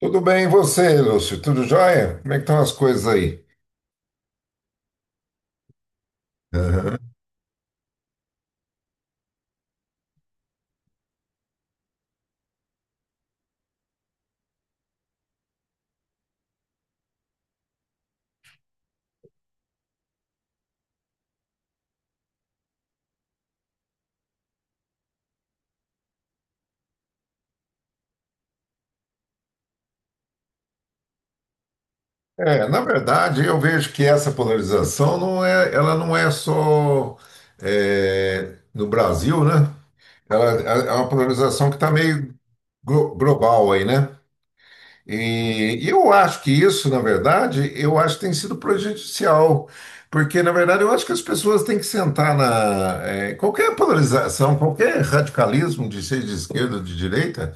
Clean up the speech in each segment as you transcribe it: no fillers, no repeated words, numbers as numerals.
Tudo bem, e você, Lúcio? Tudo jóia? Como é que estão as coisas aí? Aham. É, na verdade, eu vejo que essa polarização ela não é só no Brasil, né? Ela é uma polarização que está meio global aí, né? E eu acho que isso, na verdade, eu acho que tem sido prejudicial, porque, na verdade, eu acho que as pessoas têm que sentar na. Qualquer polarização, qualquer radicalismo, de ser de esquerda ou de direita,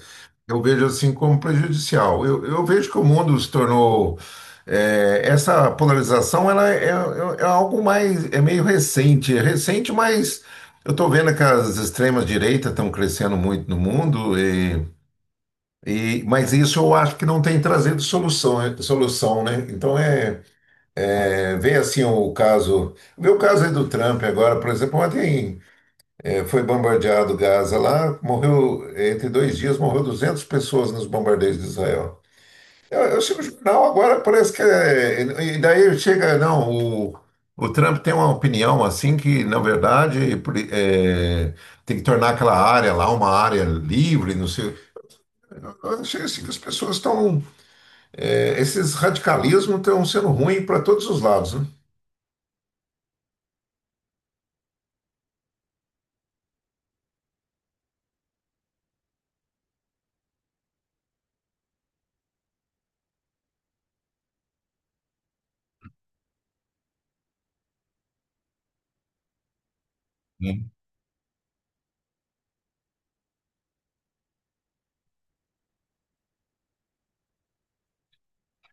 eu vejo assim como prejudicial. Eu vejo que o mundo se tornou. Essa polarização ela é, é algo mais. É meio recente. É recente, mas eu estou vendo que as extremas direitas estão crescendo muito no mundo. E, mas isso eu acho que não tem trazido solução, solução, né? Então é, é ver assim o caso. O meu caso é do Trump agora, por exemplo, ontem foi bombardeado Gaza lá, morreu entre dois dias, morreu 200 pessoas nos bombardeios de Israel. Eu chego no jornal agora, parece que é, e daí chega, não, o, o Trump tem uma opinião assim que, na verdade, tem que tornar aquela área lá uma área livre, não sei. Eu achei assim que as pessoas estão. É, esses radicalismos estão sendo ruins para todos os lados, né?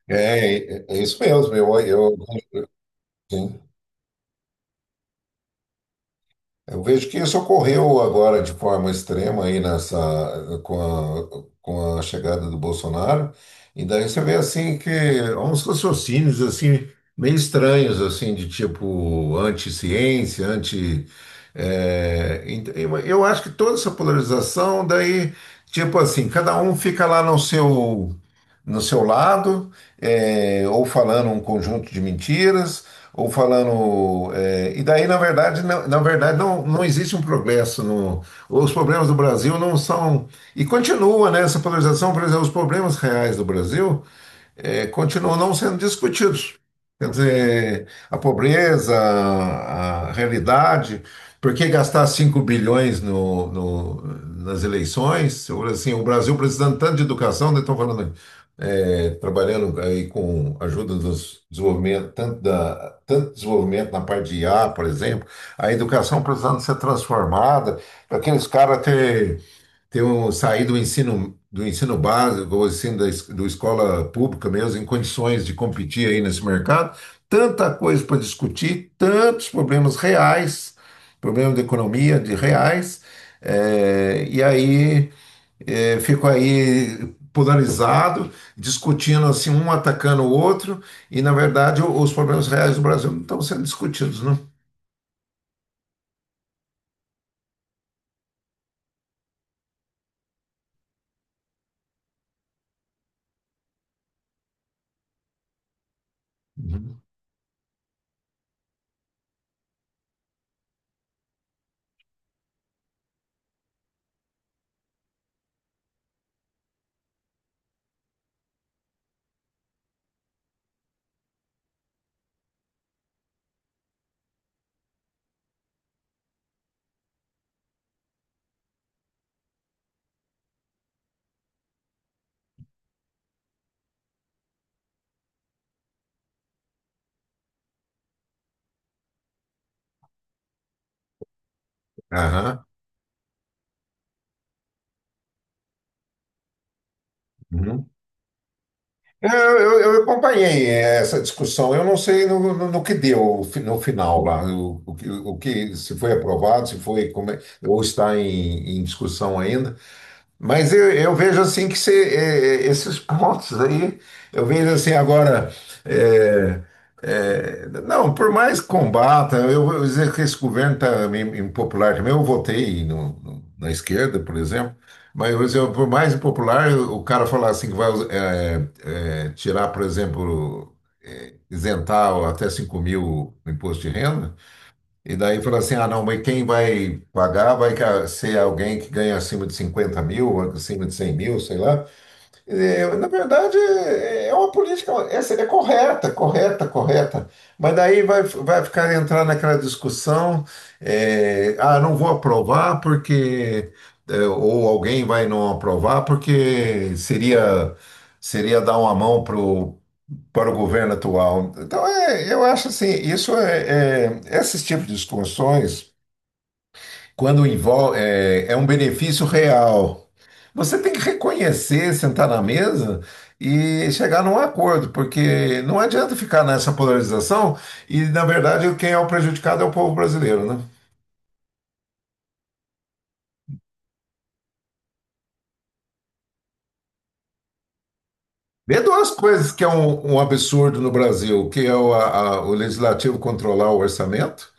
É, é isso mesmo. Eu, Eu vejo que isso ocorreu agora de forma extrema aí nessa com a chegada do Bolsonaro. E daí você vê assim que há uns raciocínios assim meio estranhos assim de tipo anti-ciência, anti é, ent- eu acho que toda essa polarização daí, tipo assim, cada um fica lá no seu, no seu lado, é, ou falando um conjunto de mentiras ou falando. É, e daí, na verdade não, não existe um progresso. No, os problemas do Brasil não são. E continua, né, essa polarização, por exemplo, os problemas reais do Brasil é, continuam não sendo discutidos. Quer dizer, a pobreza, a realidade. Por que gastar 5 bilhões no, nas eleições? Ou assim, o Brasil precisando tanto de educação, né, estão falando é, trabalhando aí com ajuda dos desenvolvimento, tanto da, tanto desenvolvimento na parte de IA, por exemplo, a educação precisando ser transformada, para aqueles caras ter, ter um, sair do ensino básico, ou ensino da, do escola pública mesmo, em condições de competir aí nesse mercado, tanta coisa para discutir, tantos problemas reais, problemas de economia, de reais, eh, e aí eu fico aí polarizado, discutindo assim, um atacando o outro, e na verdade os problemas reais do Brasil não estão sendo discutidos, não. Uhum. Aham. Uhum. É, eu eu acompanhei essa discussão, eu não sei no, no que deu no final lá, o, o se foi aprovado, se foi, como é, ou está em, em discussão ainda. Mas eu vejo assim que se, esses pontos aí, eu vejo assim agora. eh, não, por mais que combata, eu vou dizer que esse governo está impopular também. Eu votei na esquerda, por exemplo, mas vou dizer por mais impopular, o cara falar assim que vai tirar, por exemplo, isentar até 5 mil o imposto de renda. E daí falou assim, ah, não, mas quem vai pagar vai ser alguém que ganha acima de 50 mil, acima de 100 mil, sei lá. É, na verdade, é uma política, essa é correta, correta, correta. Mas daí vai, vai ficar entrar naquela discussão, é, ah, não vou aprovar porque... É, ou alguém vai não aprovar porque seria, seria dar uma mão para o governo atual. Então, é, eu acho assim, isso é, esses tipos de discussões, quando envolve, é, é um benefício real. Você tem que reconhecer, sentar na mesa e chegar num acordo, porque não adianta ficar nessa polarização e, na verdade, quem é o prejudicado é o povo brasileiro, né? Vê duas coisas que é um, um absurdo no Brasil, que é o, o legislativo controlar o orçamento,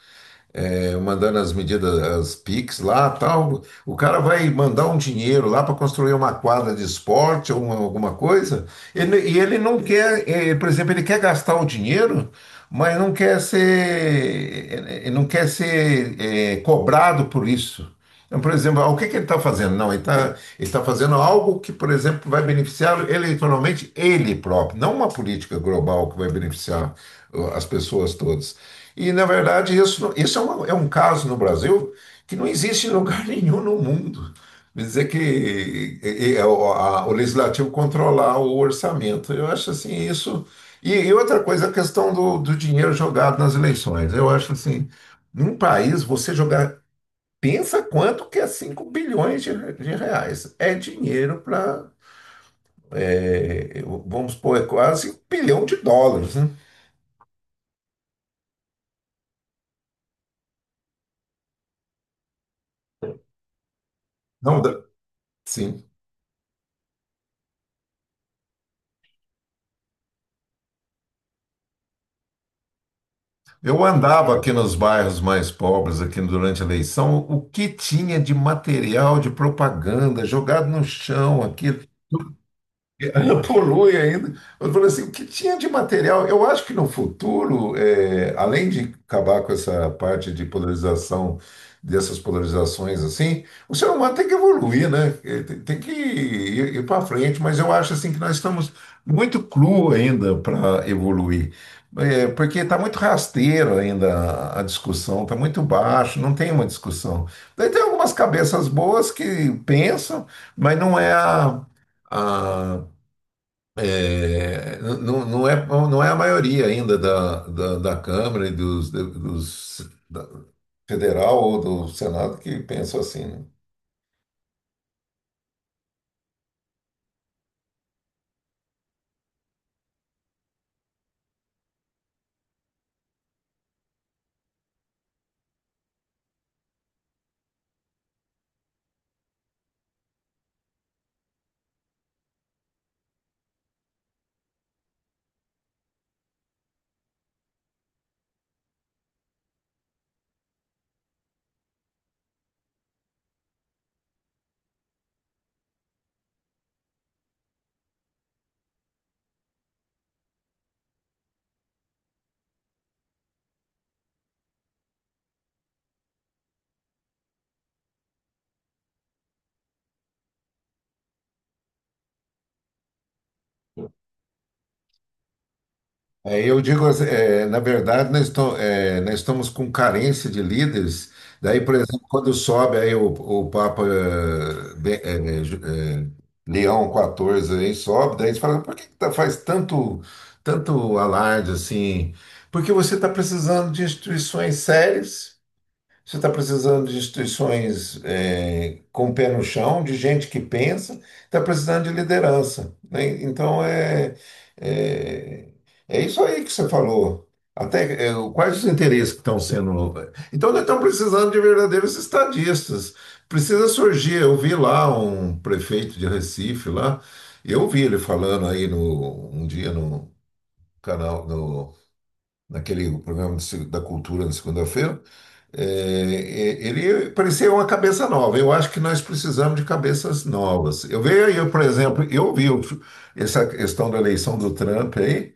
é, mandando as medidas, as PIX lá, tal. O cara vai mandar um dinheiro lá para construir uma quadra de esporte ou alguma coisa, e ele não quer, eh, por exemplo, ele quer gastar o dinheiro, mas não quer ser, ele não quer ser eh, cobrado por isso. Então, por exemplo, o que que ele está fazendo? Não, ele está ele tá fazendo algo que, por exemplo, vai beneficiar eleitoralmente ele próprio, não uma política global que vai beneficiar as pessoas todas. E, na verdade, isso é, é um caso no Brasil que não existe em lugar nenhum no mundo. Quer dizer que é o, o legislativo controlar o orçamento. Eu acho assim, isso. E outra coisa, a questão do, do dinheiro jogado nas eleições. Eu acho assim, num país, você jogar. Pensa quanto que é 5 bilhões de, de reais. É dinheiro para. Vamos pôr, é quase um bilhão de dólares, né? Não dá. Sim. Eu andava aqui nos bairros mais pobres, aqui durante a eleição, o que tinha de material de propaganda jogado no chão aqui. Polui ainda. Eu falei assim, o que tinha de material? Eu acho que no futuro, eh, além de acabar com essa parte de polarização, dessas polarizações assim, o ser humano tem que evoluir, né? Ele tem que ir, ir para frente, mas eu acho assim que nós estamos muito cru ainda para evoluir. Eh, porque está muito rasteiro ainda a discussão, está muito baixo, não tem uma discussão. Daí tem algumas cabeças boas que pensam, mas não é a, a- é, não, não é a maioria ainda da, da Câmara e dos, federal ou do Senado que pensam assim, né? Aí eu digo, assim, é, na verdade, é, nós estamos com carência de líderes. Daí, por exemplo, quando sobe aí o Papa Leão quatorze aí sobe, daí a gente fala, por que que faz tanto, tanto alarde assim? Porque você está precisando de instituições sérias. Você está precisando de instituições eh, com o pé no chão, de gente que pensa, está precisando de liderança, né? Então é, é, é isso aí que você falou. Até eh, quais os interesses que estão sendo. Então nós estamos precisando de verdadeiros estadistas. Precisa surgir. Eu vi lá um prefeito de Recife lá, eu vi ele falando aí no, um dia no canal, no, naquele programa de da cultura na segunda-feira. É, ele parecia uma cabeça nova. Eu acho que nós precisamos de cabeças novas. Eu vejo aí, por exemplo, essa questão da eleição do Trump aí.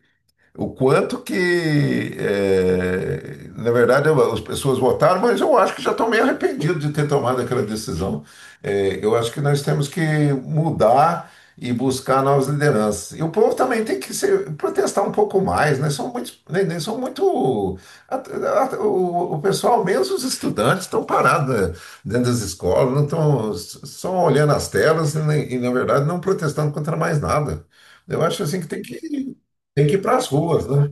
O quanto que, eh, na verdade, as pessoas votaram, mas eu acho que já estão meio arrependidos de ter tomado aquela decisão. Eh, eu acho que nós temos que mudar e buscar novas lideranças. E o povo também tem que se protestar um pouco mais, né? São muito, né, são muito o pessoal, mesmo os estudantes, estão parados, né, dentro das escolas, não estão só olhando as telas e, na verdade, não protestando contra mais nada. Eu acho assim que tem que, tem que ir para as ruas, né?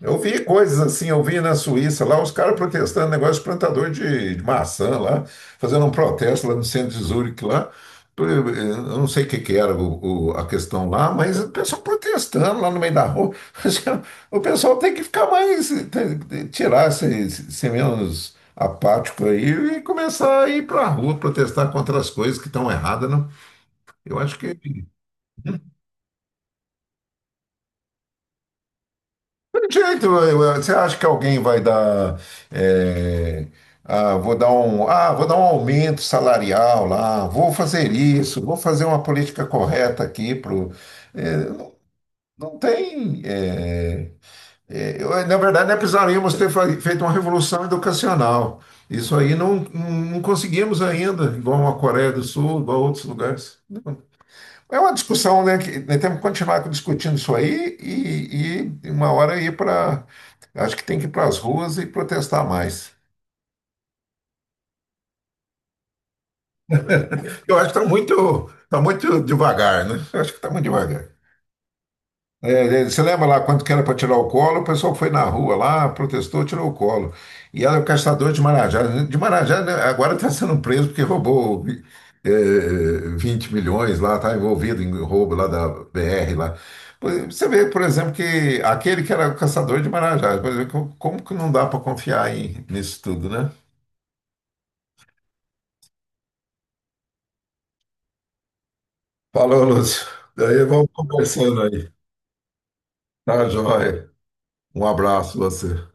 Eu vi coisas assim, eu vi na Suíça lá, os caras protestando, negócio de plantador de maçã lá, fazendo um protesto lá no centro de Zurique lá. Eu não sei o que que era a questão lá, mas o pessoal protestando lá no meio da rua. O pessoal tem que ficar mais, tirar, ser, ser menos apático aí e começar a ir para a rua protestar contra as coisas que estão erradas, né? Eu acho que tem jeito, você acha que alguém vai dar, é, ah, vou dar um aumento salarial lá, vou fazer isso, vou fazer uma política correta aqui pro, é, não tem, é, é, na verdade, nós precisaríamos ter feito uma revolução educacional. Isso aí não, não conseguimos ainda, igual a Coreia do Sul, igual a outros lugares. É uma discussão, né? Que, né, temos que continuar discutindo isso aí e uma hora ir para. Acho que tem que ir para as ruas e protestar mais. Eu acho que está muito, tá muito devagar, né? Eu acho que está muito devagar. É, é, você lembra lá quando que era para tirar o colo, o pessoal foi na rua lá, protestou, tirou o colo. E era o caçador de Marajá. De Marajá, né, agora está sendo preso porque roubou é, 20 milhões lá, está envolvido em roubo lá da BR lá. Pois, você vê, por exemplo, que aquele que era o caçador de Marajá, por exemplo, como como que não dá para confiar nisso tudo, né? Falou, Lúcio. Daí vamos conversando aí. Tá, joia. Um abraço a você.